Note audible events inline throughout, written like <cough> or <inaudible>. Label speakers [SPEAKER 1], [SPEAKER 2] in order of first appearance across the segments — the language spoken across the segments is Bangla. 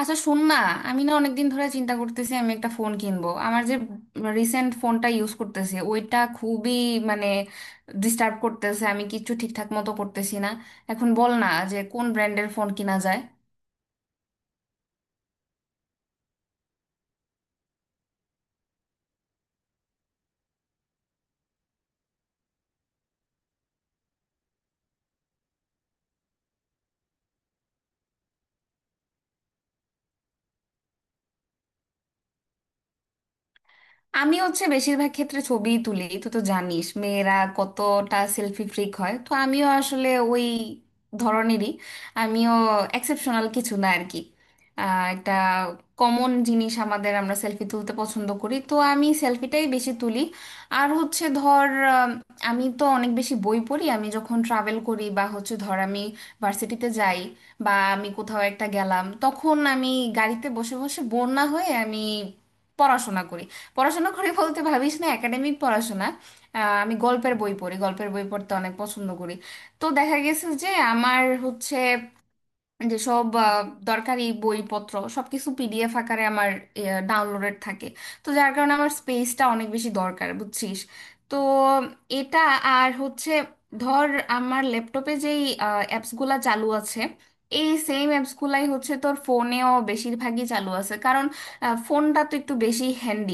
[SPEAKER 1] আচ্ছা, শোন না। আমি না অনেকদিন ধরে চিন্তা করতেছি, আমি একটা ফোন কিনবো। আমার যে রিসেন্ট ফোনটা ইউজ করতেছি ওইটা খুবই, মানে, ডিস্টার্ব করতেছে, আমি কিচ্ছু ঠিকঠাক মতো করতেছি না। এখন বল না যে কোন ব্র্যান্ডের ফোন কিনা যায়। আমি হচ্ছে বেশিরভাগ ক্ষেত্রে ছবি তুলি। তুই তো জানিস মেয়েরা কতটা সেলফি ফ্রিক হয়, তো আমিও আসলে ওই ধরনেরই। আমিও এক্সেপশনাল কিছু না আর কি। একটা কমন জিনিস আমাদের, আমরা সেলফি তুলতে পছন্দ করি, তো আমি সেলফিটাই বেশি তুলি। আর হচ্ছে ধর, আম, আমি তো অনেক বেশি বই পড়ি। আমি যখন ট্রাভেল করি বা হচ্ছে ধর আমি ভার্সিটিতে যাই, বা আমি কোথাও একটা গেলাম, তখন আমি গাড়িতে বসে বসে বোর না হয়ে আমি পড়াশোনা করি। পড়াশোনা করে বলতে ভাবিস না একাডেমিক পড়াশোনা। আমি গল্পের বই পড়ি, গল্পের বই পড়তে অনেক পছন্দ করি। তো দেখা গেছে যে আমার হচ্ছে যে সব দরকারি বইপত্র সবকিছু পিডিএফ আকারে আমার ডাউনলোডেড থাকে। তো যার কারণে আমার স্পেসটা অনেক বেশি দরকার, বুঝছিস। তো এটা। আর হচ্ছে ধর, আমার ল্যাপটপে যেই অ্যাপসগুলা চালু আছে, এই সেম অ্যাপসগুলাই হচ্ছে তোর ফোনেও বেশিরভাগই চালু আছে, কারণ ফোনটা তো একটু বেশি হ্যান্ডি।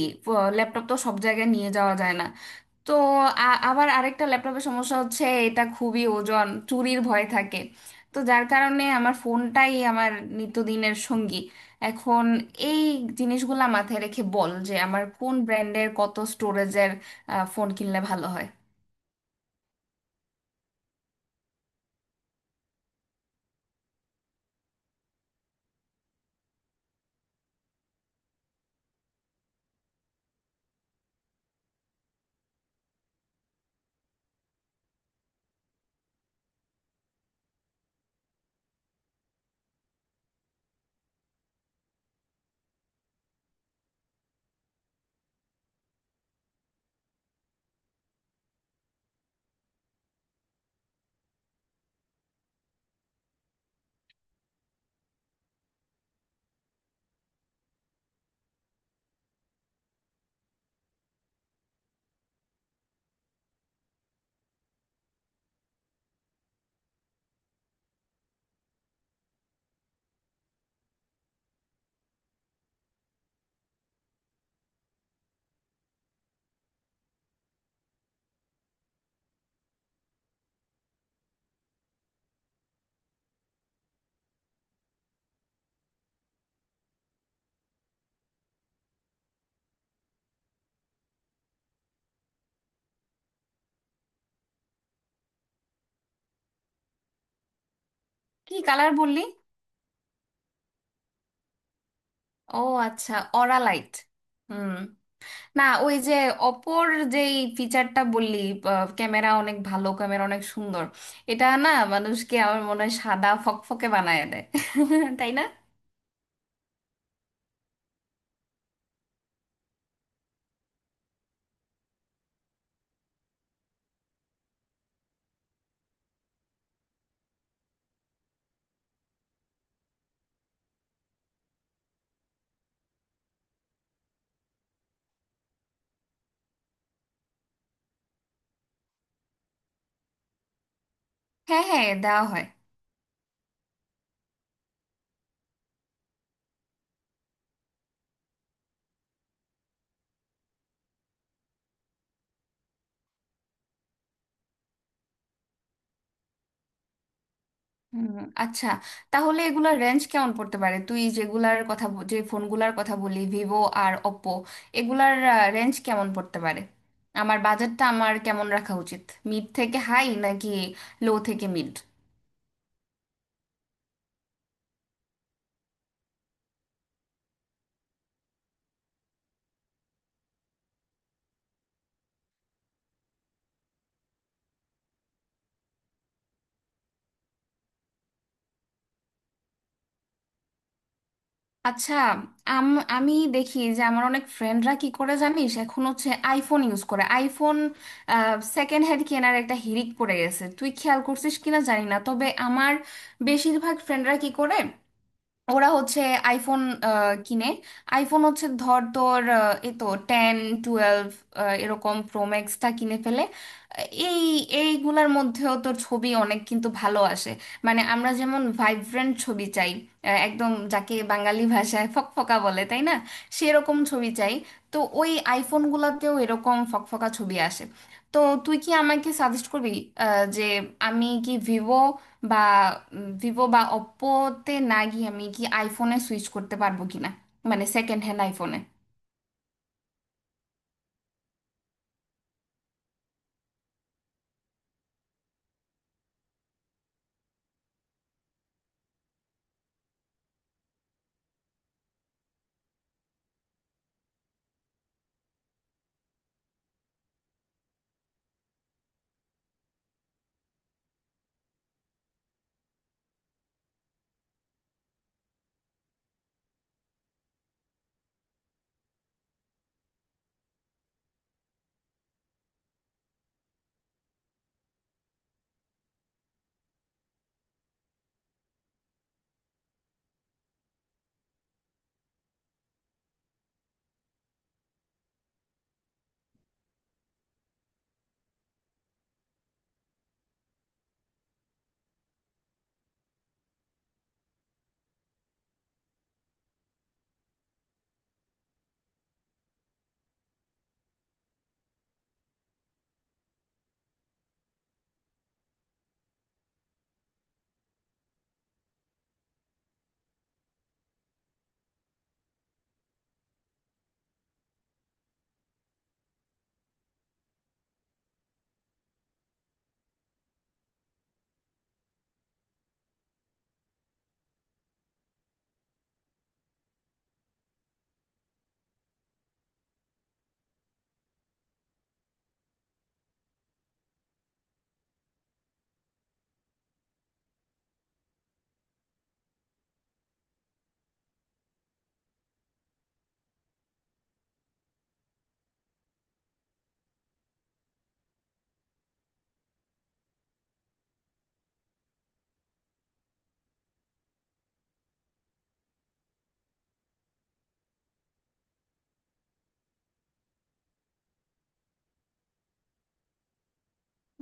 [SPEAKER 1] ল্যাপটপ তো সব জায়গায় নিয়ে যাওয়া যায় না। তো আবার আরেকটা ল্যাপটপের সমস্যা হচ্ছে, এটা খুবই ওজন, চুরির ভয় থাকে। তো যার কারণে আমার ফোনটাই আমার নিত্যদিনের সঙ্গী। এখন এই জিনিসগুলা মাথায় রেখে বল যে আমার কোন ব্র্যান্ডের, কত স্টোরেজের ফোন কিনলে ভালো হয়। কি কালার বললি? ও, আচ্ছা, অরা লাইট। হুম। না, ওই যে অপোর যেই ফিচারটা বললি, ক্যামেরা অনেক ভালো, ক্যামেরা অনেক সুন্দর। এটা না মানুষকে আমার মনে হয় সাদা ফকফকে বানায় দেয়। <laughs> তাই না? হ্যাঁ, হ্যাঁ, দেওয়া হয়। হুম, আচ্ছা। তাহলে এগুলার রেঞ্জ কেমন পড়তে পারে? তুই যেগুলার কথা যে ফোনগুলার কথা বলি, ভিভো আর ওপ্পো, এগুলার রেঞ্জ কেমন পড়তে পারে? আমার বাজেটটা আমার কেমন রাখা উচিত? মিড থেকে হাই, নাকি লো থেকে মিড? আচ্ছা। আম আমি দেখি যে আমার অনেক ফ্রেন্ডরা কি করে জানিস, এখন হচ্ছে আইফোন ইউজ করে। আইফোন সেকেন্ড হ্যান্ড কেনার একটা হিড়িক পড়ে গেছে, তুই খেয়াল করছিস কিনা জানি না। তবে আমার বেশিরভাগ ফ্রেন্ডরা কি করে, ওরা হচ্ছে আইফোন কিনে। আইফোন হচ্ছে ধর তোর এ তো টেন, টুয়েলভ, এরকম প্রোম্যাক্সটা কিনে ফেলে। আহ, এই এইগুলার মধ্যেও তোর ছবি অনেক কিন্তু ভালো আসে। মানে আমরা যেমন ভাইব্রেন্ট ছবি চাই, একদম যাকে বাঙালি ভাষায় ফকফকা বলে, তাই না? সেরকম ছবি চাই। তো ওই আইফোন গুলাতেও এরকম ফকফকা ছবি আসে। তো তুই কি আমাকে সাজেস্ট করবি যে আমি কি ভিভো বা, ওপ্পোতে না গিয়ে আমি কি আইফোনে সুইচ করতে পারবো কিনা? মানে সেকেন্ড হ্যান্ড আইফোনে?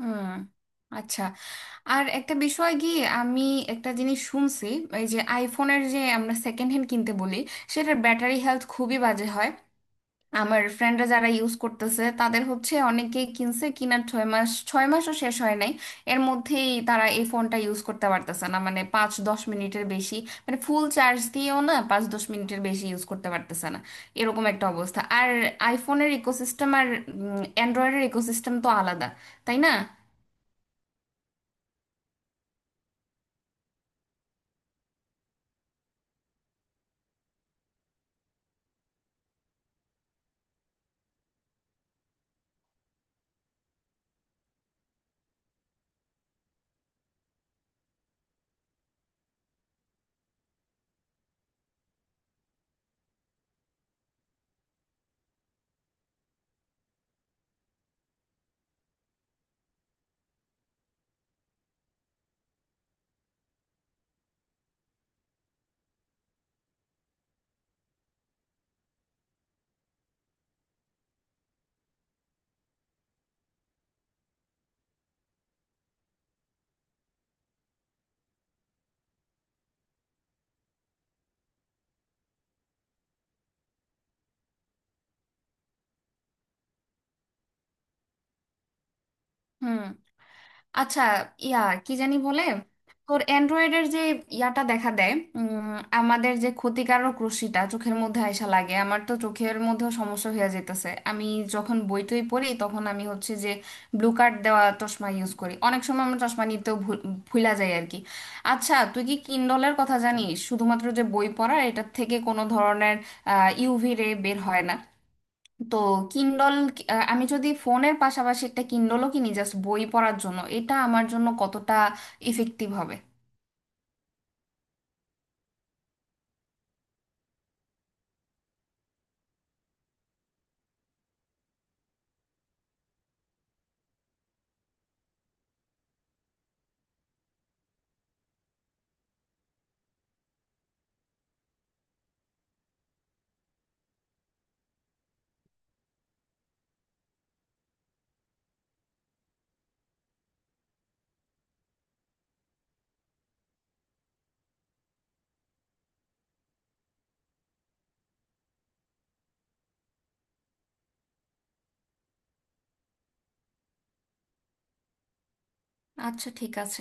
[SPEAKER 1] হুম, আচ্ছা। আর একটা বিষয় কি, আমি একটা জিনিস শুনছি। এই যে আইফোনের যে আমরা সেকেন্ড হ্যান্ড কিনতে বলি, সেটার ব্যাটারি হেলথ খুবই বাজে হয়। আমার ফ্রেন্ডরা যারা ইউজ করতেছে তাদের হচ্ছে অনেকেই কিনছে, কিনার 6 মাস, ছয় মাসও শেষ হয় নাই, এর মধ্যেই তারা এই ফোনটা ইউজ করতে পারতেছে না, মানে 5-10 মিনিটের বেশি। মানে ফুল চার্জ দিয়েও না, 5-10 মিনিটের বেশি ইউজ করতে পারতেছে না। এরকম একটা অবস্থা। আর আইফোনের ইকোসিস্টেম আর অ্যান্ড্রয়েডের ইকোসিস্টেম তো আলাদা, তাই না? হুম, আচ্ছা। ইয়া, কি জানি বলে, তোর অ্যান্ড্রয়েডের যে ইয়াটা দেখা দেয়, আমাদের যে ক্ষতিকারক রশ্মিটা চোখের মধ্যে আয়সা লাগে, আমার তো চোখের মধ্যেও সমস্যা হয়ে যেতেছে। আমি যখন বই টই পড়ি তখন আমি হচ্ছে যে ব্লু কার্ড দেওয়া চশমা ইউজ করি। অনেক সময় আমার চশমা নিতেও ভুলা যায় আর কি। আচ্ছা, তুই কি কিন্ডলের কথা জানিস? শুধুমাত্র যে বই পড়া, এটার থেকে কোনো ধরনের ইউভি রে বের হয় না। তো কিন্ডল, আমি যদি ফোনের পাশাপাশি একটা কিন্ডলও কিনি জাস্ট বই পড়ার জন্য, এটা আমার জন্য কতটা ইফেক্টিভ হবে? আচ্ছা, ঠিক আছে।